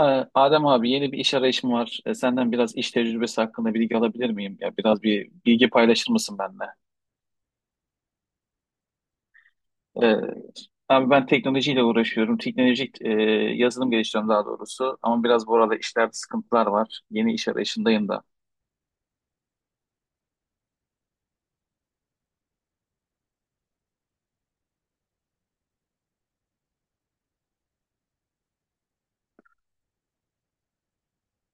Ee, Adem abi yeni bir iş arayışım var. Senden biraz iş tecrübesi hakkında bilgi alabilir miyim? Ya biraz bir bilgi paylaşır mısın benimle? Ee, Abi ben teknolojiyle uğraşıyorum. Teknolojik yazılım geliştiriyorum daha doğrusu. Ama biraz bu arada işlerde sıkıntılar var. Yeni iş arayışındayım da.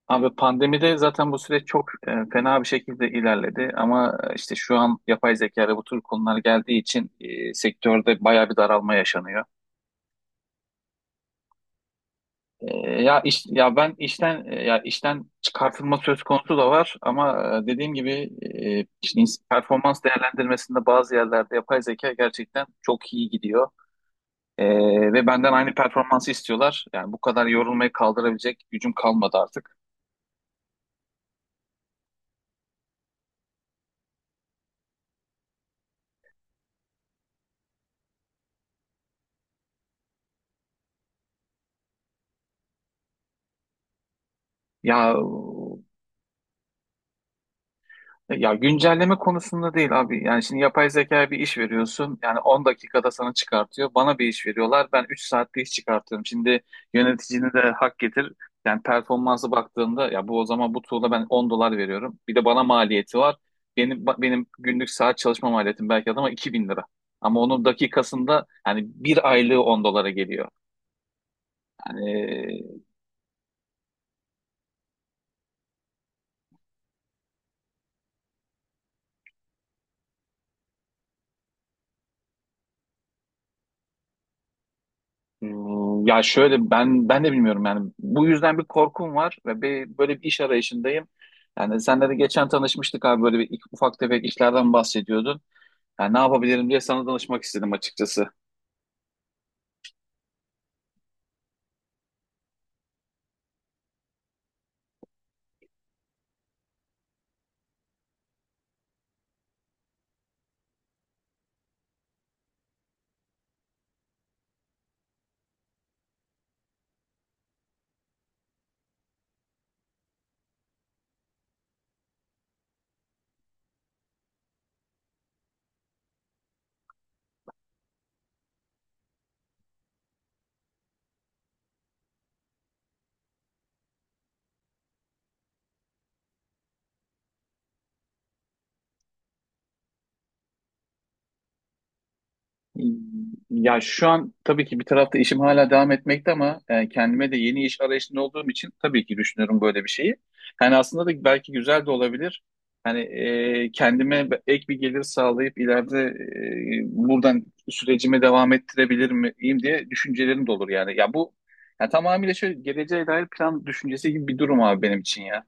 Abi pandemide zaten bu süreç çok fena bir şekilde ilerledi. Ama işte şu an yapay zeka ve bu tür konular geldiği için sektörde bayağı bir daralma yaşanıyor. E, Ya iş, ya ben işten e, ya işten çıkartılma söz konusu da var ama dediğim gibi işte performans değerlendirmesinde bazı yerlerde yapay zeka gerçekten çok iyi gidiyor. E, ve benden aynı performansı istiyorlar. Yani bu kadar yorulmayı kaldırabilecek gücüm kalmadı artık. Ya Ya, güncelleme konusunda değil abi. Yani şimdi yapay zekaya bir iş veriyorsun. Yani 10 dakikada sana çıkartıyor. Bana bir iş veriyorlar. Ben 3 saatte iş çıkartıyorum. Şimdi yöneticini de hak getir. Yani performansı baktığında ya bu o zaman bu tool'a ben 10 dolar veriyorum. Bir de bana maliyeti var. Benim günlük saat çalışma maliyetim belki adama 2000 lira. Ama onun dakikasında hani bir aylığı 10 dolara geliyor. Yani, ya şöyle ben de bilmiyorum yani bu yüzden bir korkum var ve bir, böyle bir iş arayışındayım. Yani senle de geçen tanışmıştık abi, böyle bir ufak tefek işlerden bahsediyordun. Yani ne yapabilirim diye sana danışmak istedim açıkçası. Ya şu an tabii ki bir tarafta işim hala devam etmekte ama kendime de yeni iş arayışında olduğum için tabii ki düşünüyorum böyle bir şeyi. Yani aslında da belki güzel de olabilir. Hani kendime ek bir gelir sağlayıp ileride buradan sürecime devam ettirebilir miyim diye düşüncelerim de olur yani. Ya bu ya tamamıyla şöyle geleceğe dair plan düşüncesi gibi bir durum abi benim için ya.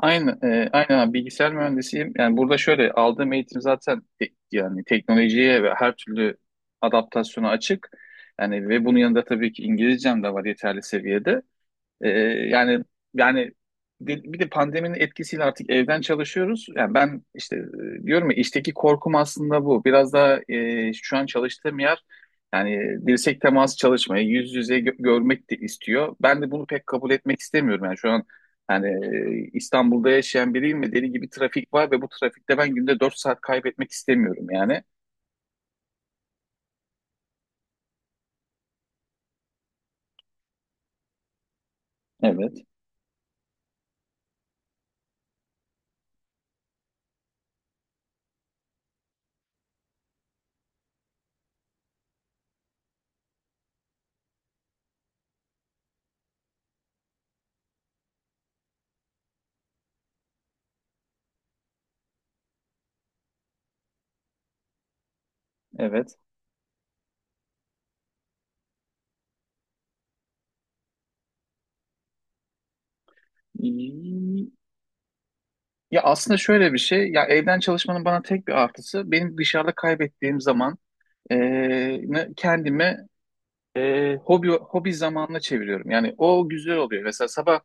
Aynen abi, bilgisayar mühendisiyim. Yani burada şöyle aldığım eğitim zaten yani teknolojiye ve her türlü adaptasyona açık. Yani ve bunun yanında tabii ki İngilizcem de var yeterli seviyede. Ee, yani yani, bir de pandeminin etkisiyle artık evden çalışıyoruz. Yani ben işte, diyorum ya, işteki korkum aslında bu. Biraz da şu an çalıştığım yer yani dirsek teması, çalışmayı yüz yüze görmek de istiyor. Ben de bunu pek kabul etmek istemiyorum. Yani şu an yani İstanbul'da yaşayan biriyim ve deli gibi trafik var ve bu trafikte ben günde 4 saat kaybetmek istemiyorum yani. Evet, evet. Ya aslında şöyle bir şey, ya evden çalışmanın bana tek bir artısı, benim dışarıda kaybettiğim zaman e, kendime hobi zamanına çeviriyorum. Yani o güzel oluyor. Mesela sabah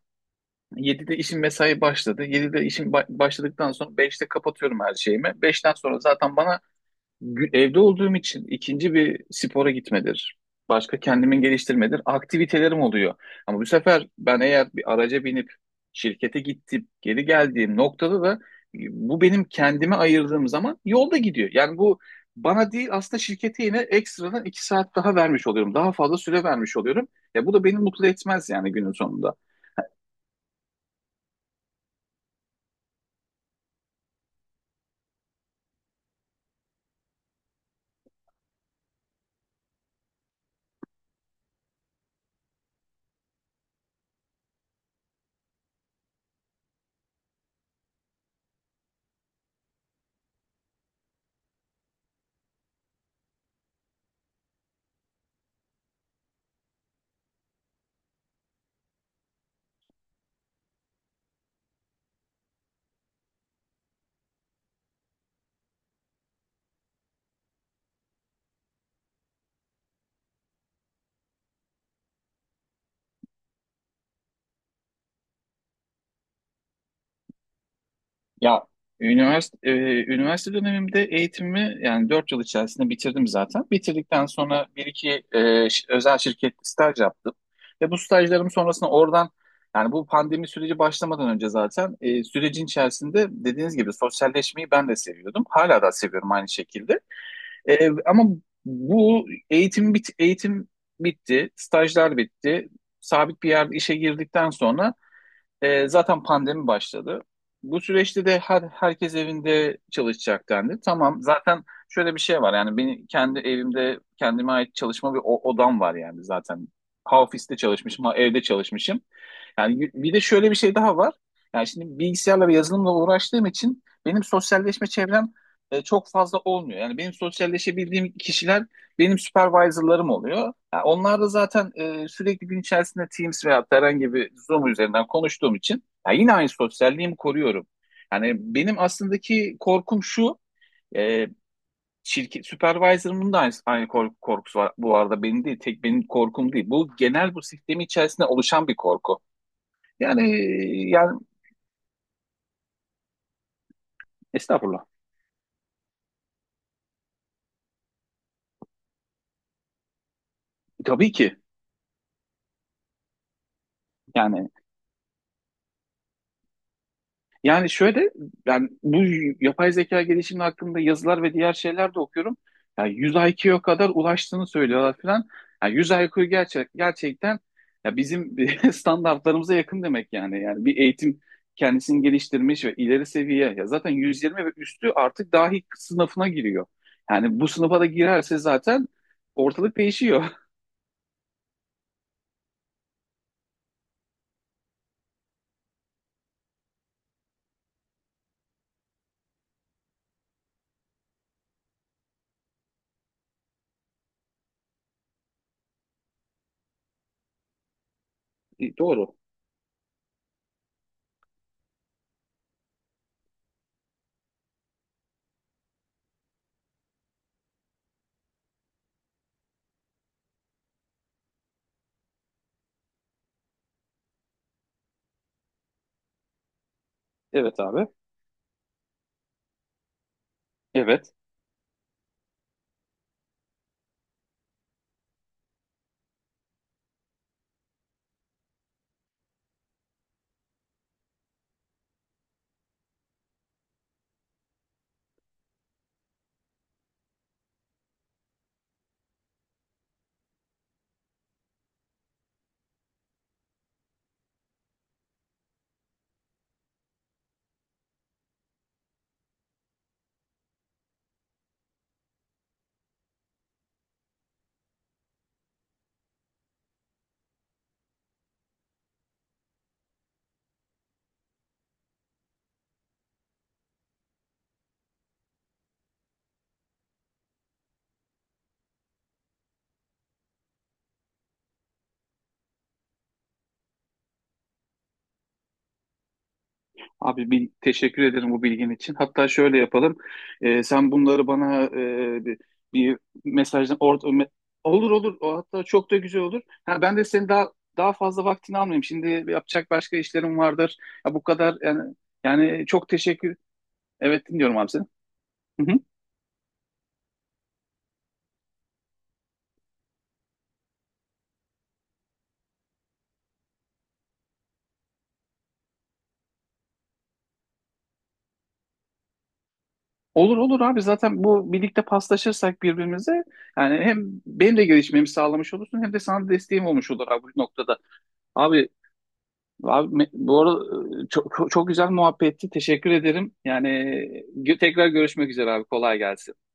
7'de işim, mesai başladı. 7'de işim başladıktan sonra beşte kapatıyorum her şeyimi. Beşten sonra zaten bana evde olduğum için ikinci bir spora gitmedir. Başka kendimi geliştirmedir. Aktivitelerim oluyor. Ama bu sefer ben eğer bir araca binip şirkete gittim, geri geldiğim noktada da bu benim kendime ayırdığım zaman yolda gidiyor. Yani bu bana değil aslında, şirkete yine ekstradan iki saat daha vermiş oluyorum. Daha fazla süre vermiş oluyorum. Ya bu da beni mutlu etmez yani günün sonunda. Ya üniversite, e, üniversite dönemimde eğitimimi yani 4 yıl içerisinde bitirdim zaten. Bitirdikten sonra bir iki özel şirkette staj yaptım. Ve bu stajlarım sonrasında oradan, yani bu pandemi süreci başlamadan önce zaten, sürecin içerisinde dediğiniz gibi sosyalleşmeyi ben de seviyordum. Hala da seviyorum aynı şekilde. E, ama bu eğitim bit eğitim bitti, stajlar bitti. Sabit bir yerde işe girdikten sonra zaten pandemi başladı. Bu süreçte de herkes evinde çalışacak dendi. Tamam, zaten şöyle bir şey var yani, benim kendi evimde kendime ait çalışma bir odam var yani zaten. Ha ofiste çalışmışım, ha evde çalışmışım. Yani, bir de şöyle bir şey daha var. Yani şimdi bilgisayarla ve yazılımla uğraştığım için benim sosyalleşme çevrem çok fazla olmuyor. Yani benim sosyalleşebildiğim kişiler benim supervisor'larım oluyor. Ha, onlar da zaten sürekli gün içerisinde Teams veya herhangi bir Zoom üzerinden konuştuğum için ya, yine aynı sosyalliğimi koruyorum. Yani benim aslındaki korkum şu, e, şirket supervisor'ımın da aynı korkusu var bu arada, benim değil, tek benim korkum değil. Bu genel, bu sistemin içerisinde oluşan bir korku. Yani yani, estağfurullah. Tabii ki. Yani Yani, şöyle, ben bu yapay zeka gelişimi hakkında yazılar ve diğer şeyler de okuyorum. Yani 100 IQ'ya kadar ulaştığını söylüyorlar falan. Yani 100 IQ gerçekten ya bizim standartlarımıza yakın demek yani. Yani bir eğitim kendisini geliştirmiş ve ileri seviye, ya zaten 120 ve üstü artık dahi sınıfına giriyor. Yani bu sınıfa da girerse zaten ortalık değişiyor. Doğru. Evet abi. Evet. Abi, teşekkür ederim bu bilgin için. Hatta şöyle yapalım. Sen bunları bana, bir mesajdan olur, olur. O hatta çok da güzel olur. Ha, ben de senin daha fazla vaktini almayayım. Şimdi yapacak başka işlerim vardır. Ya, bu kadar yani, çok teşekkür. Evet, dinliyorum abi seni. Hı hı. Olur, olur abi, zaten bu birlikte paslaşırsak birbirimize yani, hem benim de gelişmemi sağlamış olursun hem de sana desteğim olmuş olur abi bu noktada. Abi Abi, bu arada çok, çok güzel muhabbetti. Teşekkür ederim. Yani tekrar görüşmek üzere abi. Kolay gelsin.